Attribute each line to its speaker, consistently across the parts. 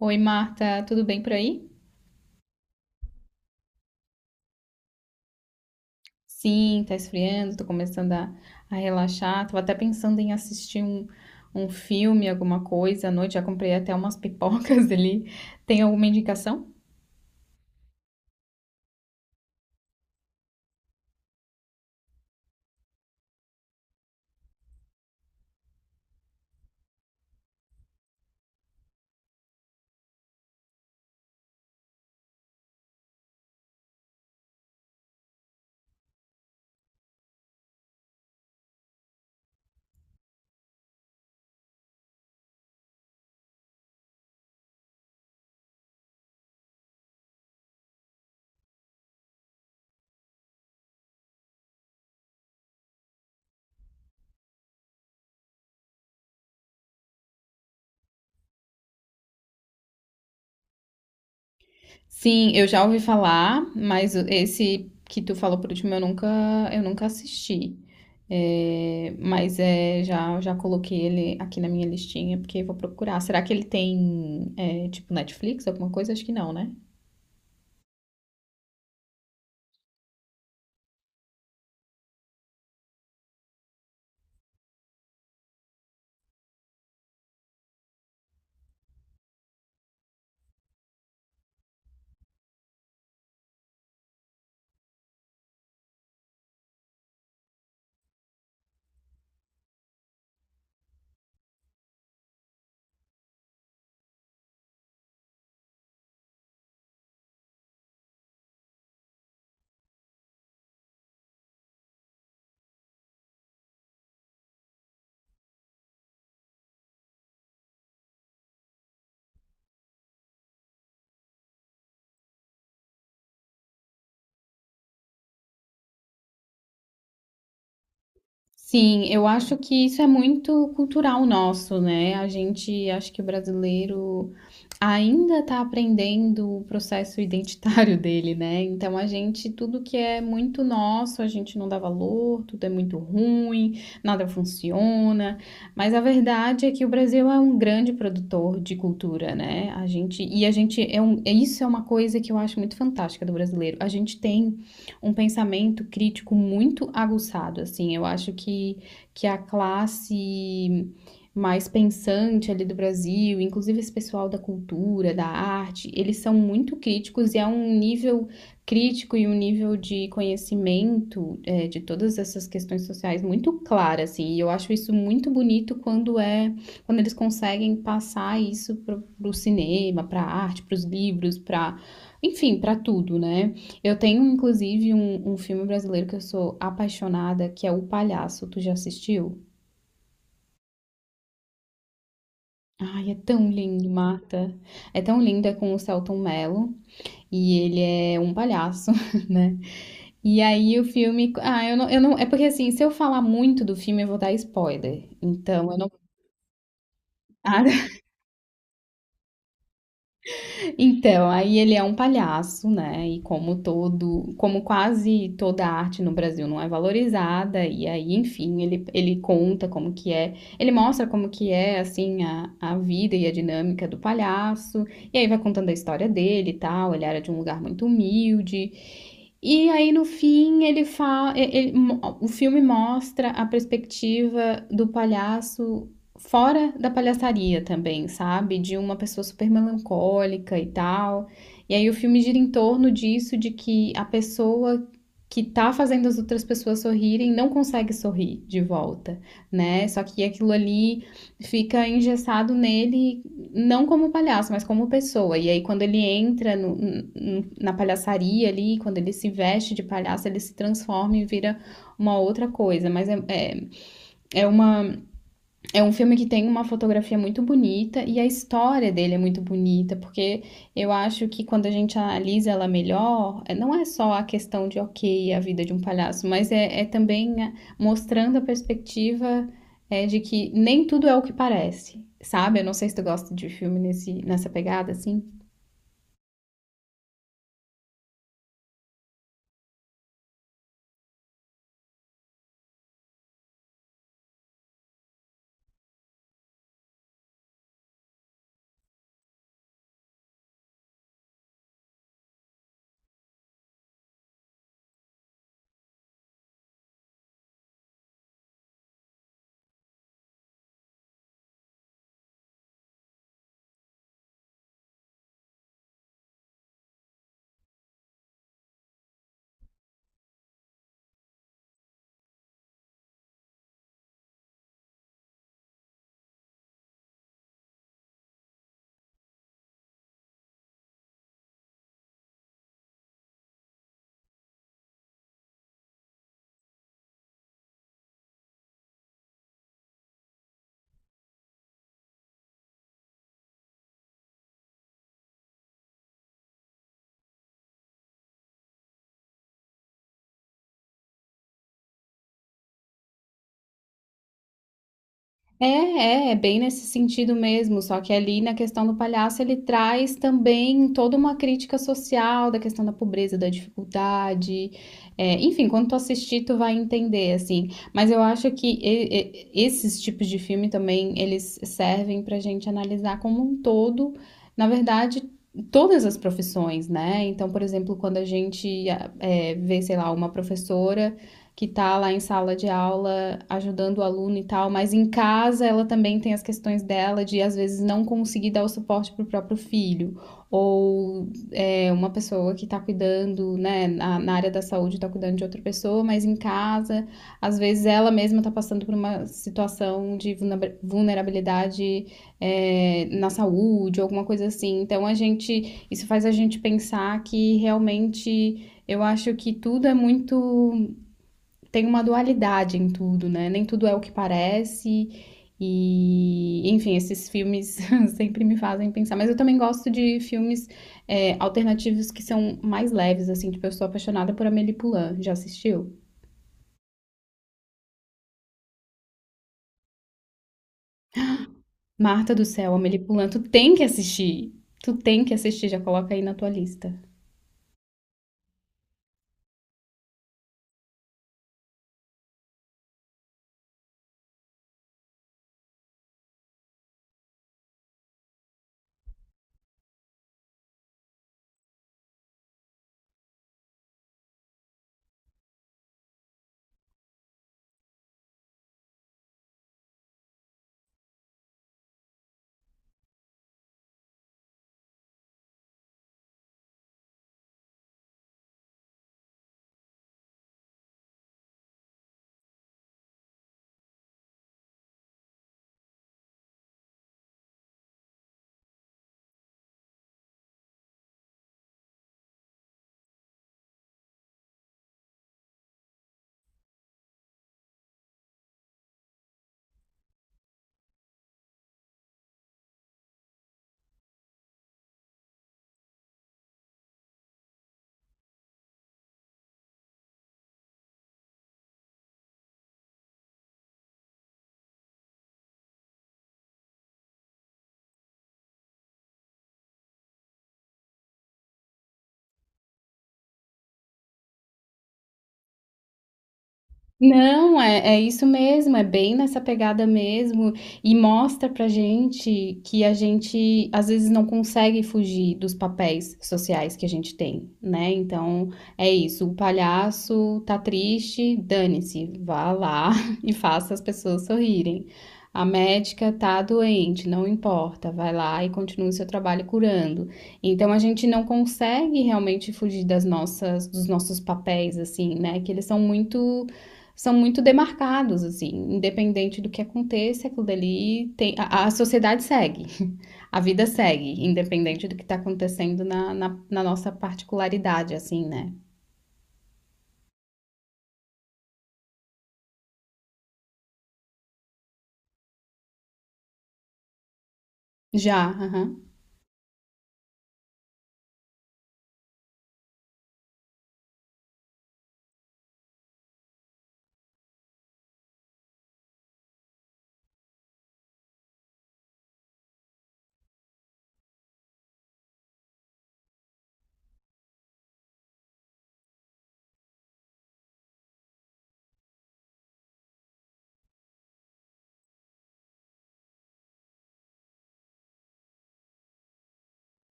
Speaker 1: Oi, Marta, tudo bem por aí? Sim, tá esfriando, tô começando a relaxar. Tava até pensando em assistir um filme, alguma coisa à noite. Já comprei até umas pipocas ali. Tem alguma indicação? Sim, eu já ouvi falar, mas esse que tu falou por último eu nunca assisti. É, mas é, já coloquei ele aqui na minha listinha porque eu vou procurar. Será que ele tem, é, tipo, Netflix, alguma coisa? Acho que não, né? Sim, eu acho que isso é muito cultural nosso, né? A gente, acho que o brasileiro ainda está aprendendo o processo identitário dele, né? Então a gente, tudo que é muito nosso, a gente não dá valor, tudo é muito ruim, nada funciona. Mas a verdade é que o Brasil é um grande produtor de cultura, né? A gente, e a gente é um, isso é uma coisa que eu acho muito fantástica do brasileiro. A gente tem um pensamento crítico muito aguçado, assim. Eu acho que a classe mais pensante ali do Brasil, inclusive esse pessoal da cultura, da arte, eles são muito críticos e é um nível crítico e um nível de conhecimento é, de todas essas questões sociais muito claro, assim. E eu acho isso muito bonito quando eles conseguem passar isso para o cinema, para a arte, para os livros, para enfim, para tudo, né? Eu tenho, inclusive, um filme brasileiro que eu sou apaixonada, que é O Palhaço. Tu já assistiu? Ai, é tão lindo, Marta. É tão lindo, é com o Selton Mello. E ele é um palhaço, né? E aí o filme. Ah, eu não. É porque assim, se eu falar muito do filme, eu vou dar spoiler. Então, eu não. Então, aí ele é um palhaço, né? E como todo, como quase toda arte no Brasil não é valorizada, e aí, enfim, ele conta como que é, ele mostra como que é, assim, a vida e a dinâmica do palhaço, e aí vai contando a história dele e tal, ele era de um lugar muito humilde, e aí no fim ele fala, o filme mostra a perspectiva do palhaço fora da palhaçaria também, sabe? De uma pessoa super melancólica e tal. E aí o filme gira em torno disso, de que a pessoa que tá fazendo as outras pessoas sorrirem não consegue sorrir de volta, né? Só que aquilo ali fica engessado nele não como palhaço, mas como pessoa. E aí, quando ele entra na palhaçaria ali, quando ele se veste de palhaço, ele se transforma e vira uma outra coisa. Mas é uma é um filme que tem uma fotografia muito bonita e a história dele é muito bonita, porque eu acho que quando a gente analisa ela melhor, não é só a questão de, ok, a vida de um palhaço, mas é também mostrando a perspectiva de que nem tudo é o que parece, sabe? Eu não sei se tu gosta de filme nesse, nessa pegada, assim. É bem nesse sentido mesmo, só que ali na questão do palhaço ele traz também toda uma crítica social da questão da pobreza, da dificuldade, é, enfim, quando tu assistir tu vai entender, assim, mas eu acho que esses tipos de filme também, eles servem pra gente analisar como um todo, na verdade, todas as profissões, né, então, por exemplo, quando a gente ah, é, vê, sei lá, uma professora que tá lá em sala de aula ajudando o aluno e tal, mas em casa ela também tem as questões dela de às vezes não conseguir dar o suporte pro próprio filho, ou é, uma pessoa que tá cuidando, né, na área da saúde tá cuidando de outra pessoa, mas em casa, às vezes ela mesma tá passando por uma situação de vulnerabilidade é, na saúde, alguma coisa assim. Então a gente, isso faz a gente pensar que realmente eu acho que tudo é muito tem uma dualidade em tudo, né? Nem tudo é o que parece. E, enfim, esses filmes sempre me fazem pensar. Mas eu também gosto de filmes é, alternativos que são mais leves, assim. Tipo, eu sou apaixonada por Amélie Poulain. Já assistiu? Marta do Céu, Amélie Poulain. Tu tem que assistir. Tu tem que assistir. Já coloca aí na tua lista. Não, é, é isso mesmo, é bem nessa pegada mesmo, e mostra pra gente que a gente às vezes não consegue fugir dos papéis sociais que a gente tem, né? Então é isso, o palhaço tá triste, dane-se, vá lá e faça as pessoas sorrirem. A médica tá doente, não importa, vai lá e continue seu trabalho curando. Então a gente não consegue realmente fugir das nossas, dos nossos papéis, assim, né? Que eles são muito demarcados, assim, independente do que aconteça, aquilo dali tem, a sociedade segue, a vida segue, independente do que está acontecendo na nossa particularidade, assim, né? Já, aham.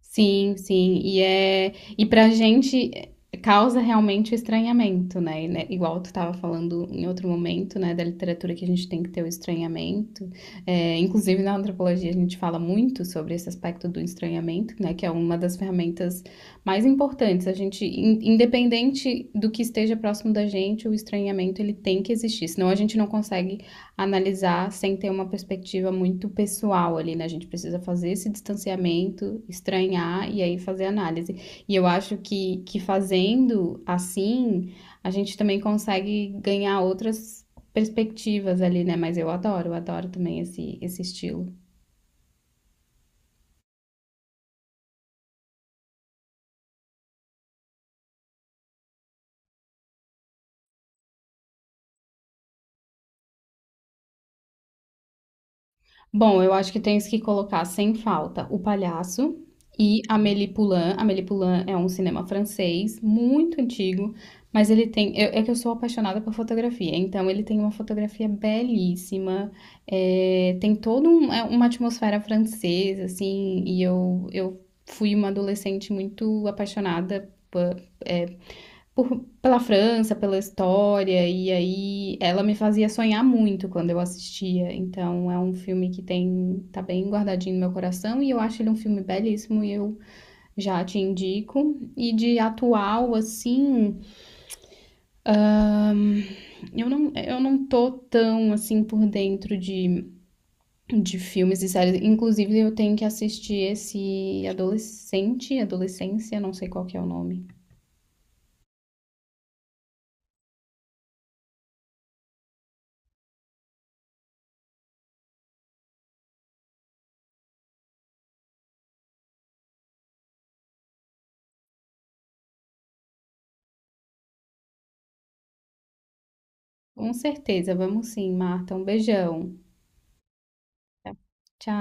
Speaker 1: Sim, sim. E pra gente é, causa realmente o estranhamento, né? E, né, igual tu estava falando em outro momento, né, da literatura que a gente tem que ter o estranhamento. É, inclusive na antropologia a gente fala muito sobre esse aspecto do estranhamento, né, que é uma das ferramentas mais importantes. A gente, independente do que esteja próximo da gente, o estranhamento ele tem que existir, senão a gente não consegue analisar sem ter uma perspectiva muito pessoal ali, né? A gente precisa fazer esse distanciamento, estranhar e aí fazer análise. E eu acho que fazendo assim, a gente também consegue ganhar outras perspectivas ali, né? Mas eu adoro também esse estilo. Bom, eu acho que tens que colocar sem falta O Palhaço e Amélie Poulain. Amélie Poulain é um cinema francês muito antigo, mas ele tem. É que eu sou apaixonada por fotografia, então ele tem uma fotografia belíssima, é, tem toda é uma atmosfera francesa, assim, e eu fui uma adolescente muito apaixonada pela França, pela história, e aí ela me fazia sonhar muito quando eu assistia. Então é um filme que tem, tá bem guardadinho no meu coração e eu acho ele um filme belíssimo e eu já te indico. E de atual, assim, ahn, eu não tô tão assim por dentro de filmes e séries. Inclusive, eu tenho que assistir esse Adolescência, não sei qual que é o nome. Com certeza, vamos sim, Marta. Um beijão. Tchau.